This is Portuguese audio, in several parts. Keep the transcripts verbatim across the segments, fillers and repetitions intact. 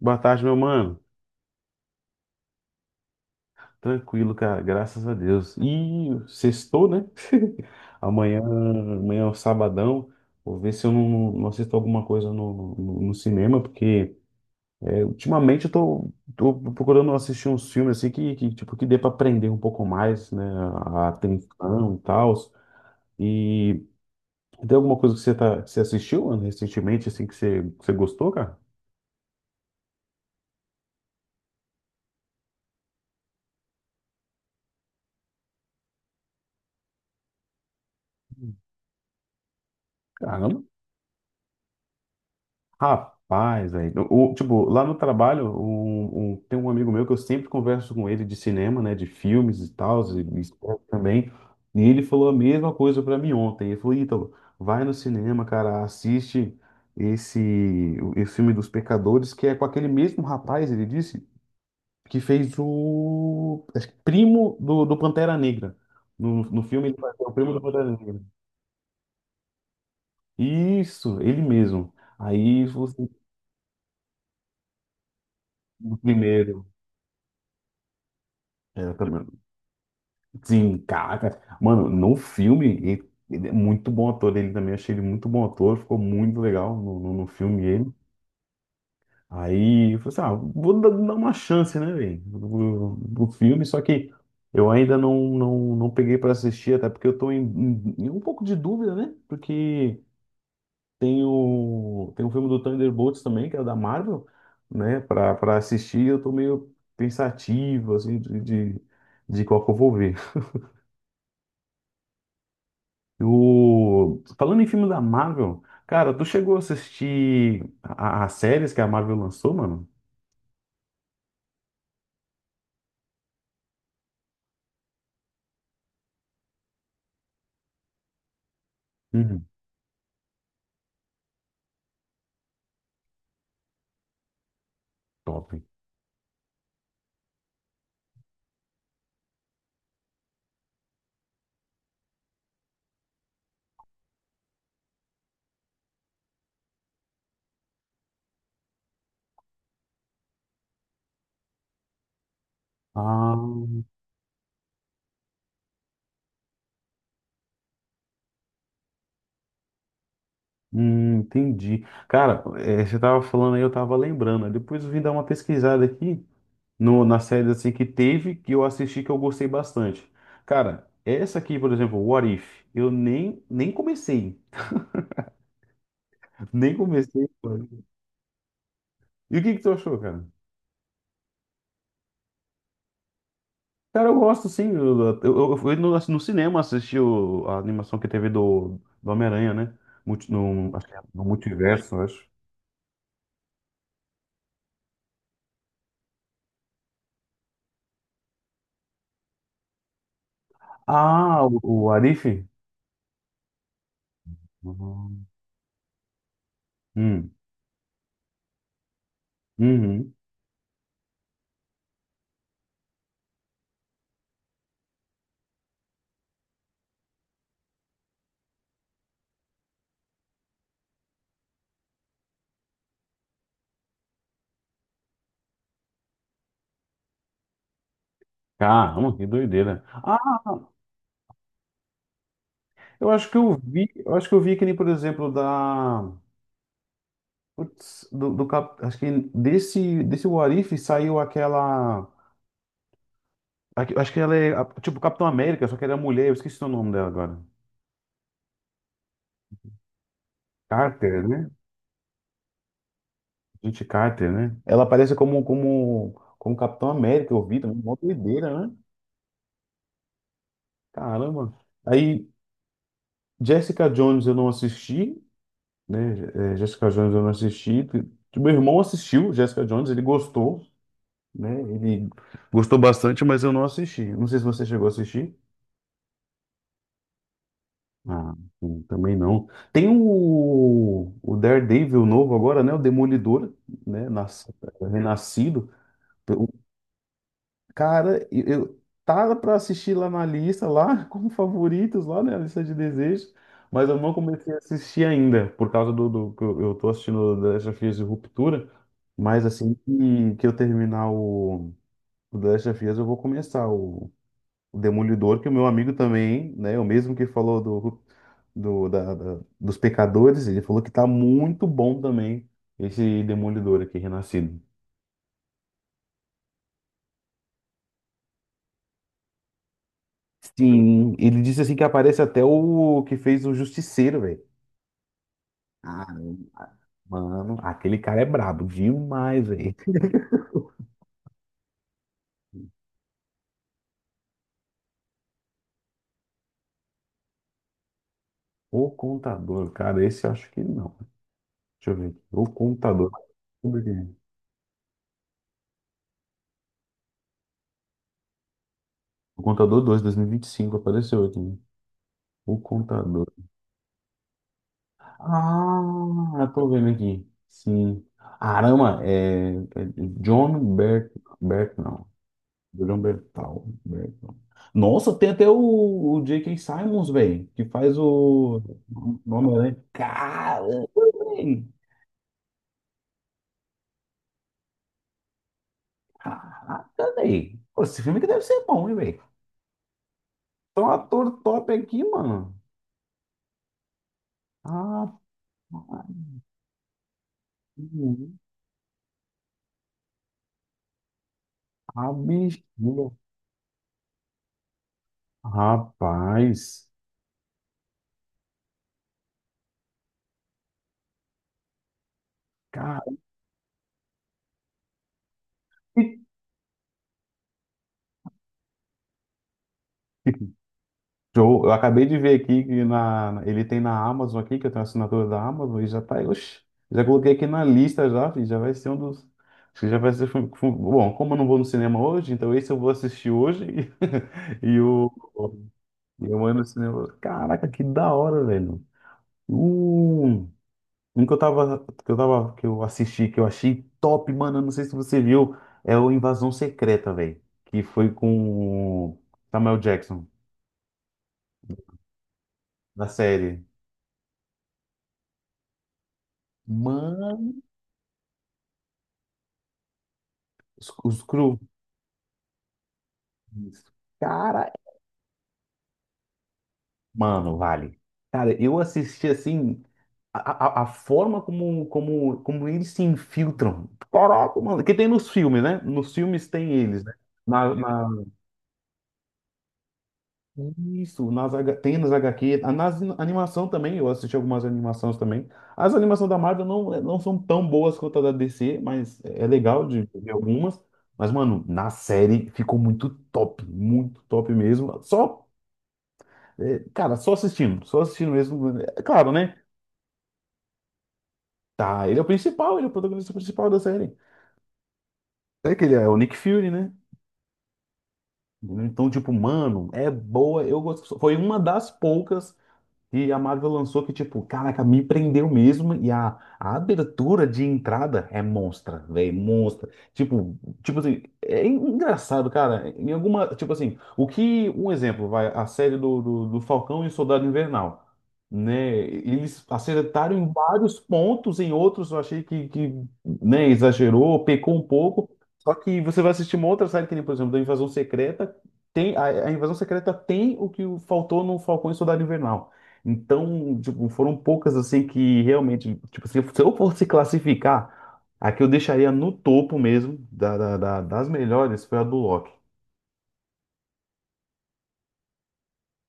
Boa tarde, meu mano. Tranquilo, cara. Graças a Deus. E sextou, né? Amanhã, amanhã é o sabadão. Vou ver se eu não, não assisto alguma coisa no, no, no cinema, porque é, ultimamente eu tô, tô procurando assistir uns filmes assim que, que, tipo, que dê pra aprender um pouco mais, né? A atenção e tal. E tem alguma coisa que você, tá, que você assistiu, mano, recentemente, assim, que você, que você gostou, cara? Caramba. Rapaz, velho. O- Tipo, lá no trabalho, um- um- tem um amigo meu que eu sempre converso com ele de cinema, né? De filmes e tal, e esporte também. E ele falou a mesma coisa pra mim ontem. Ele falou, Ítalo, vai no cinema, cara, assiste esse, o- esse filme dos Pecadores, que é com aquele mesmo rapaz, ele disse, que fez o acho que primo do, do Pantera Negra. No, no filme ele faz o primo do Pantera Negra. Isso, ele mesmo. Aí, você, o primeiro. É, eu também. Sim, caraca. Mano, no filme, ele, ele é muito bom ator. Ele também achei ele muito bom ator. Ficou muito legal no, no, no filme ele. Aí eu falei assim, ah, vou dar dar uma chance, né, velho? Do, do filme, só que eu ainda não, não, não peguei pra assistir, até porque eu tô em, em- em um pouco de dúvida, né? Porque tem o, tem o filme do Thunderbolts também, que é o da Marvel, né? Pra, pra assistir, eu tô meio pensativo, assim, de, de, de qual que eu vou ver. O... Falando em filme da Marvel, cara, tu chegou a assistir a- a- as séries que a Marvel lançou, mano? Uhum. Top. Ah, hum, entendi. Cara, é, você tava falando aí, eu tava lembrando. Depois eu vim dar uma pesquisada aqui no, na série assim que teve, que eu assisti, que eu gostei bastante. Cara, essa aqui, por exemplo, What If, eu nem, nem comecei. Nem comecei, mano. E o que que tu achou, cara? Cara, eu gosto sim. Eu, eu, eu fui no, no cinema assistir o- a animação que teve do, do Homem-Aranha, né? Multi- no, acho que é no multiverso, eu acho. Ah, o, o Arif? Uhum. Hum, uhum. Caramba, que doideira. Ah, eu acho que eu vi, eu acho que eu vi que nem, por exemplo, da. Putz, do, do Cap- acho que desse, desse What If saiu aquela. Aque- acho que ela é a- tipo Capitão América, só que ela é mulher, eu esqueci o nome dela agora. Carter, né? Gente Carter, né? Ela aparece como, como, como Capitão América, eu vi também, uma doideira, né? Caramba. Aí, Jessica Jones eu não assisti, né? É, Jessica Jones eu não assisti. Tipo, meu irmão assistiu Jessica Jones, ele gostou, né? Ele gostou bastante, mas eu não assisti. Não sei se você chegou a assistir. Ah, sim, também não. Tem o, o Daredevil novo agora, né? O Demolidor, né? Nas- renascido. Cara, eu, eu tava para assistir lá na lista, lá como favoritos, lá na lista de desejos, mas eu não comecei a assistir ainda, por causa do, do que eu, eu tô assistindo The Last of Us e Ruptura, mas assim que, que eu terminar o, o The Last of Us, eu vou começar o, o Demolidor, que o meu amigo também, né, o mesmo que falou do, Ru- do, da, da- dos Pecadores, ele falou que tá muito bom também esse Demolidor aqui, Renascido. Sim, ele disse assim que aparece até o que fez o Justiceiro, velho. Ah, mano, aquele cara é brabo demais, velho. O Contador, cara, esse eu acho que não. Deixa eu ver aqui. O Contador. Como é que é? O Contador dois, dois mil e vinte e cinco, apareceu aqui. Né? O Contador. Ah, eu tô vendo aqui. Sim. Arama, é, é John Bert, Bert, Julian Bertal. Bertal. Nossa, tem até o, o J K. Simmons, velho, que faz o, o Homem-Aranha. Caramba, velho. Caraca, velho. Pô, esse filme que deve ser bom, hein, velho. Tem um ator top aqui, mano. Ah, a bichinha. Rapaz. Cara. Show. Eu acabei de ver aqui que na, na- ele tem na Amazon aqui, que eu tenho assinatura da Amazon, e já tá aí. Oxe, já coloquei aqui na lista já, filho, já vai ser um dos. Acho que já vai ser. Fu- fu- bom, como eu não vou no cinema hoje, então esse eu vou assistir hoje e, o. E eu mando no cinema. Caraca, que da hora, velho. Um, um que eu tava, que eu tava, que eu assisti, que eu achei top, mano. Eu não sei se você viu, é o Invasão Secreta, velho. Que foi com o Samuel Jackson, na série. Mano. Os, os cru. Cara, mano, vale. Cara, eu assisti assim a, a, a forma como, como, como eles se infiltram. Caraca, mano. Que tem nos filmes, né? Nos filmes tem eles, né? Na, na- isso, nas, H- tem nas H Q. Ah, nas in- animação também, eu assisti algumas animações também. As animações da Marvel não, não são tão boas quanto a da D C, mas é legal de ver algumas. Mas, mano, na série ficou muito top, muito top mesmo. Só é, cara, só assistindo, só assistindo mesmo. É claro, né? Tá, ele é o principal, ele é o protagonista principal da série. É que ele é o Nick Fury, né? Então, tipo, mano, é boa. Eu gosto. Foi uma das poucas E a Marvel lançou que, tipo, caraca, me prendeu mesmo. E a, a abertura de entrada é monstra, velho, monstra. Tipo, tipo assim, é engraçado, cara. Em alguma, tipo assim, o que, um exemplo, vai, a série do, do, do Falcão e o Soldado Invernal, né? Eles acertaram em vários pontos, em outros eu achei que, que, né, exagerou, pecou um pouco. Só que você vai assistir uma outra série que nem, por exemplo, da Invasão Secreta. Tem, a, a Invasão Secreta tem o que faltou no Falcão e Soldado Invernal. Então, tipo, foram poucas assim que realmente, tipo, se eu se eu fosse classificar, a que eu deixaria no topo mesmo da, da- da- das melhores foi a do Loki.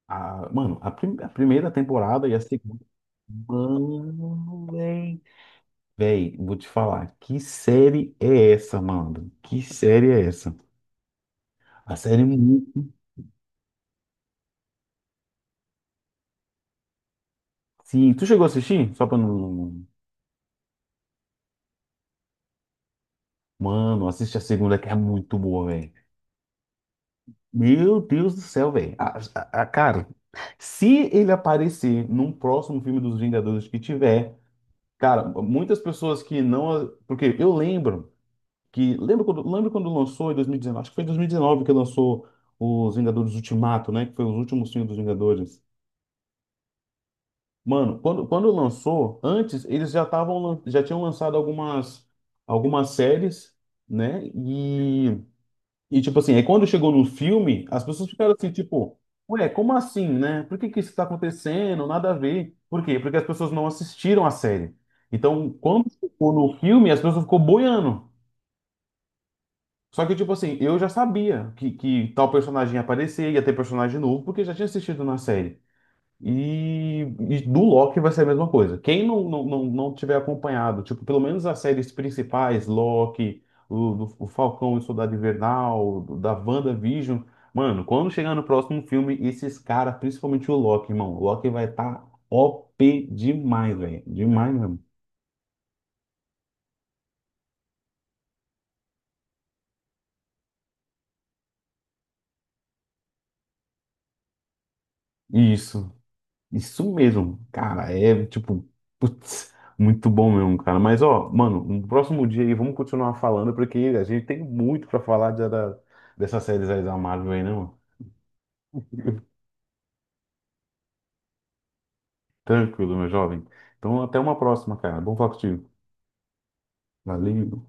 A, mano, a, prim- a primeira temporada e a segunda. Mano, véi. Véi, vou te falar, que série é essa, mano? Que série é essa? A série é muito. Sim, tu chegou a assistir? Só pra não. Mano, assiste a segunda que é muito boa, velho. Meu Deus do céu, velho. A- a- a- cara, se ele aparecer num próximo filme dos Vingadores que tiver, cara, muitas pessoas que não. Porque eu lembro que. Lembro quando, lembro quando lançou em dois mil e dezenove? Acho que foi em dois mil e dezenove que lançou os Vingadores Ultimato, né? Que foi os últimos filmes dos Vingadores. Mano, quando, quando lançou, antes eles já estavam, lan- já tinham lançado algumas, algumas séries, né? E, tipo assim, aí quando chegou no filme, as pessoas ficaram assim, tipo, ué, como assim, né? Por que que isso tá acontecendo? Nada a ver. Por quê? Porque as pessoas não assistiram a série. Então, quando chegou no filme, as pessoas ficou boiando. Só que, tipo assim, eu já sabia que, que tal personagem ia aparecer, ia ter personagem novo, porque já tinha assistido na série. E, e do Loki vai ser a mesma coisa. Quem não, não, não, não tiver acompanhado, tipo, pelo menos as séries principais, Loki, o, o Falcão e o Soldado Invernal, do- da WandaVision, mano, quando chegar no próximo filme, esses caras, principalmente o Loki, irmão, o Loki vai estar O P demais, velho. Demais mesmo. Isso. Isso mesmo, cara, é tipo, putz, muito bom mesmo, cara. Mas ó, mano, no próximo dia aí vamos continuar falando, porque a gente tem muito pra falar de- da, dessas séries aí da Marvel aí, né, mano? Tranquilo, meu jovem. Então até uma próxima, cara. Bom falar contigo. Valeu.